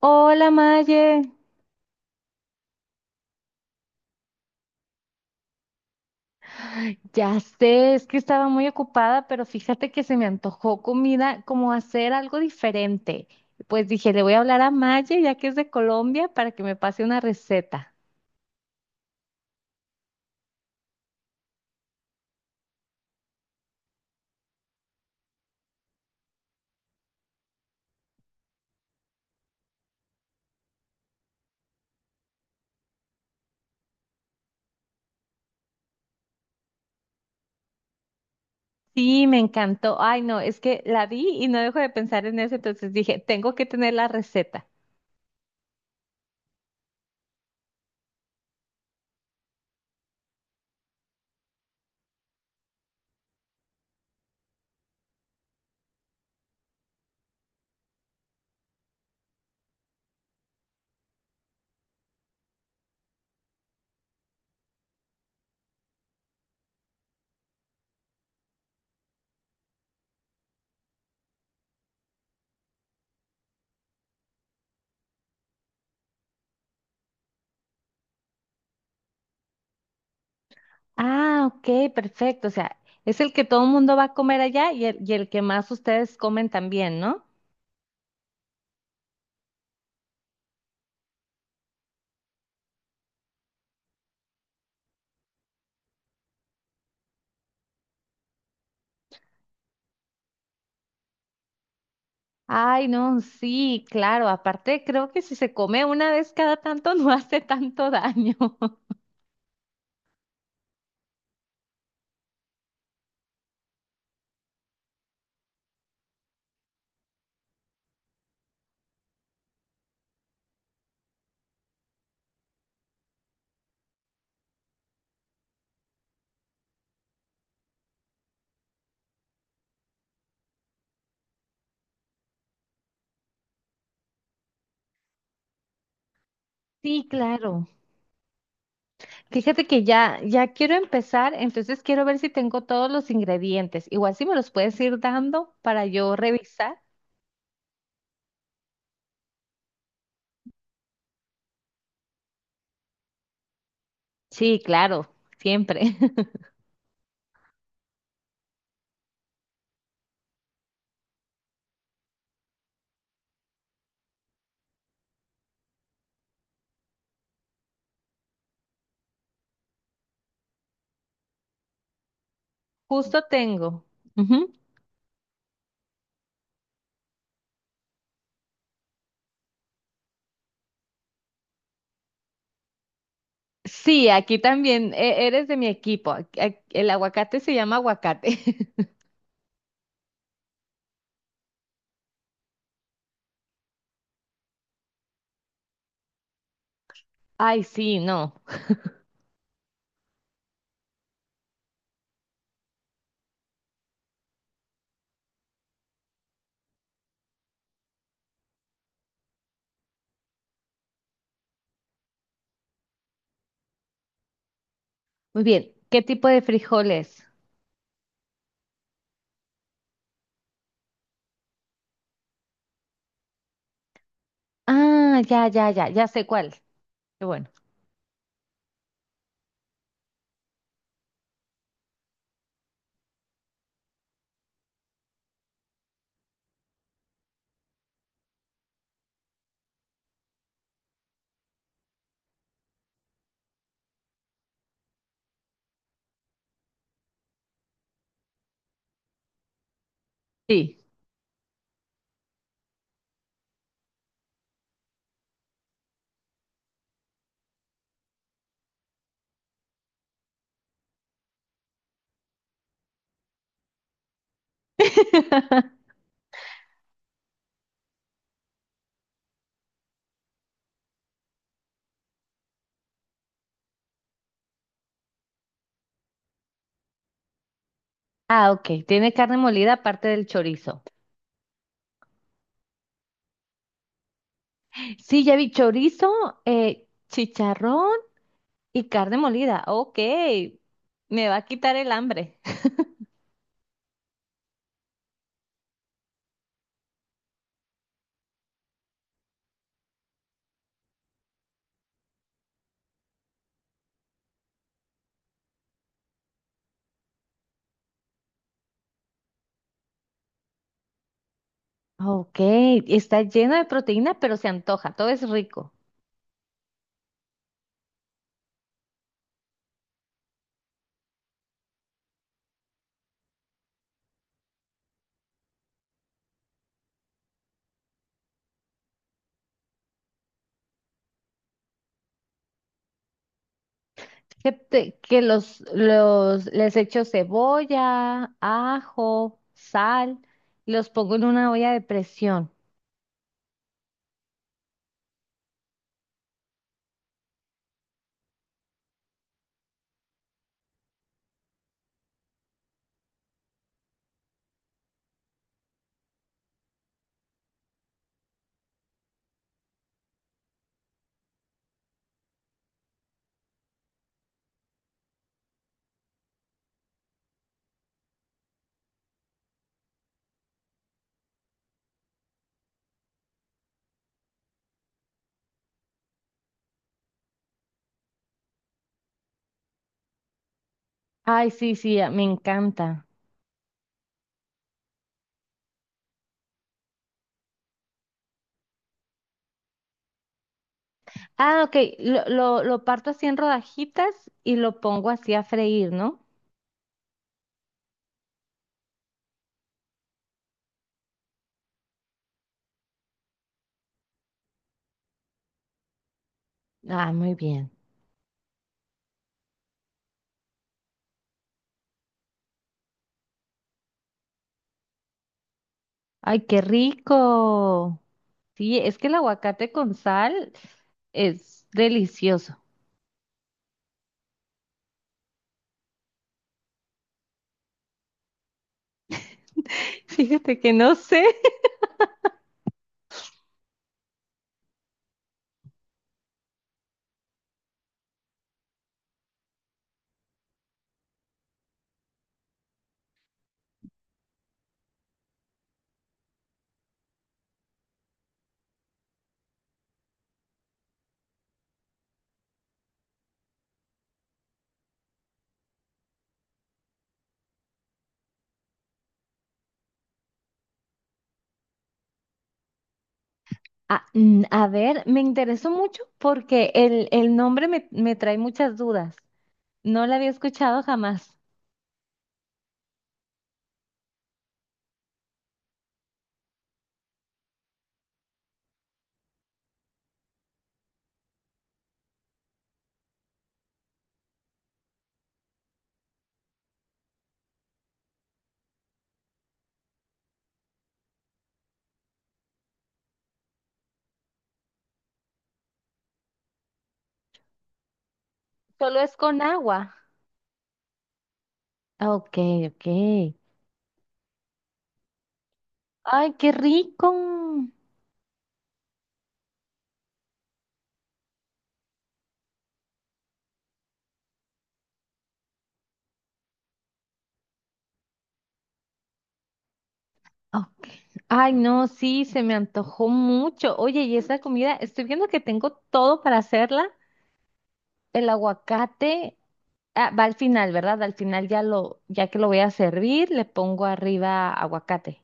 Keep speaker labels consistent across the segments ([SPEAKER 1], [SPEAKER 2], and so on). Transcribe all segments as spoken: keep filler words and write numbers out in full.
[SPEAKER 1] Hola Maye, ya sé, es que estaba muy ocupada, pero fíjate que se me antojó comida, como hacer algo diferente. Pues dije, le voy a hablar a Maye, ya que es de Colombia, para que me pase una receta. Sí, me encantó. Ay, no, es que la vi y no dejo de pensar en eso, entonces dije, tengo que tener la receta. Ah, ok, perfecto. O sea, es el que todo el mundo va a comer allá y el, y el que más ustedes comen también, ¿no? Ay, no, sí, claro. Aparte, creo que si se come una vez cada tanto no hace tanto daño. Sí, claro. Fíjate que ya, ya quiero empezar, entonces quiero ver si tengo todos los ingredientes. Igual si me los puedes ir dando para yo revisar. Sí, claro, siempre. Justo tengo. Ujú. Sí, aquí también e- eres de mi equipo. Ac- ac- El aguacate se llama aguacate. Ay, sí, no. Muy bien. ¿Qué tipo de frijoles? Ah, ya, ya, ya, ya sé cuál. Qué bueno. Sí. Ah, ok. Tiene carne molida aparte del chorizo. Sí, ya vi chorizo, eh, chicharrón y carne molida. Ok. Me va a quitar el hambre. Ok. Está lleno de proteína, pero se antoja. Todo es rico. Que, te- que los, los, les echo cebolla, ajo, sal, y los pongo en una olla de presión. Ay, sí, sí, me encanta. Ah, ok. Lo, lo, lo parto así en rodajitas y lo pongo así a freír, ¿no? Ah, muy bien. Ay, qué rico. Sí, es que el aguacate con sal es delicioso. Fíjate que no sé. Ah, mm, a ver, me interesó mucho porque el, el nombre me, me trae muchas dudas. No la había escuchado jamás. Solo es con agua. Ah, ok, ok. Ay, qué rico. Ok. Ay, no, sí, se me antojó mucho. Oye, y esa comida, estoy viendo que tengo todo para hacerla. El aguacate, ah, va al final, ¿verdad? Al final ya lo, ya que lo voy a servir, le pongo arriba aguacate.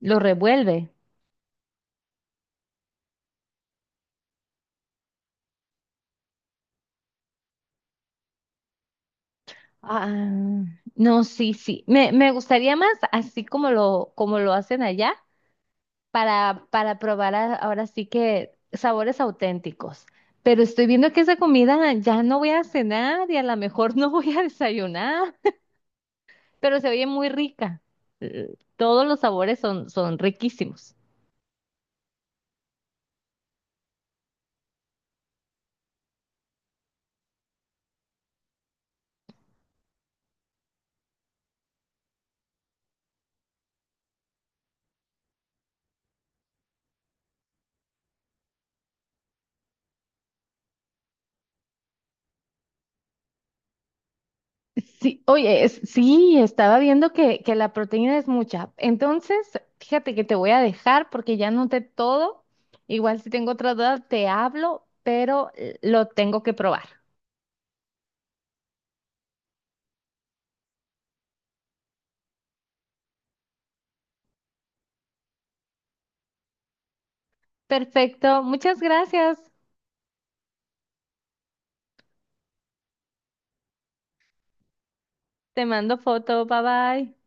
[SPEAKER 1] Lo revuelve. Ah, no, sí, sí. Me, me gustaría más así como lo, como lo hacen allá para, para probar a- ahora sí que sabores auténticos. Pero estoy viendo que esa comida ya no voy a cenar y a lo mejor no voy a desayunar. Pero se oye muy rica. Eh, Todos los sabores son, son riquísimos. Sí, oye, es- sí, estaba viendo que, que la proteína es mucha. Entonces, fíjate que te voy a dejar porque ya noté todo. Igual si tengo otra duda, te hablo, pero eh, lo tengo que probar. Perfecto, muchas gracias. Te mando foto, bye bye.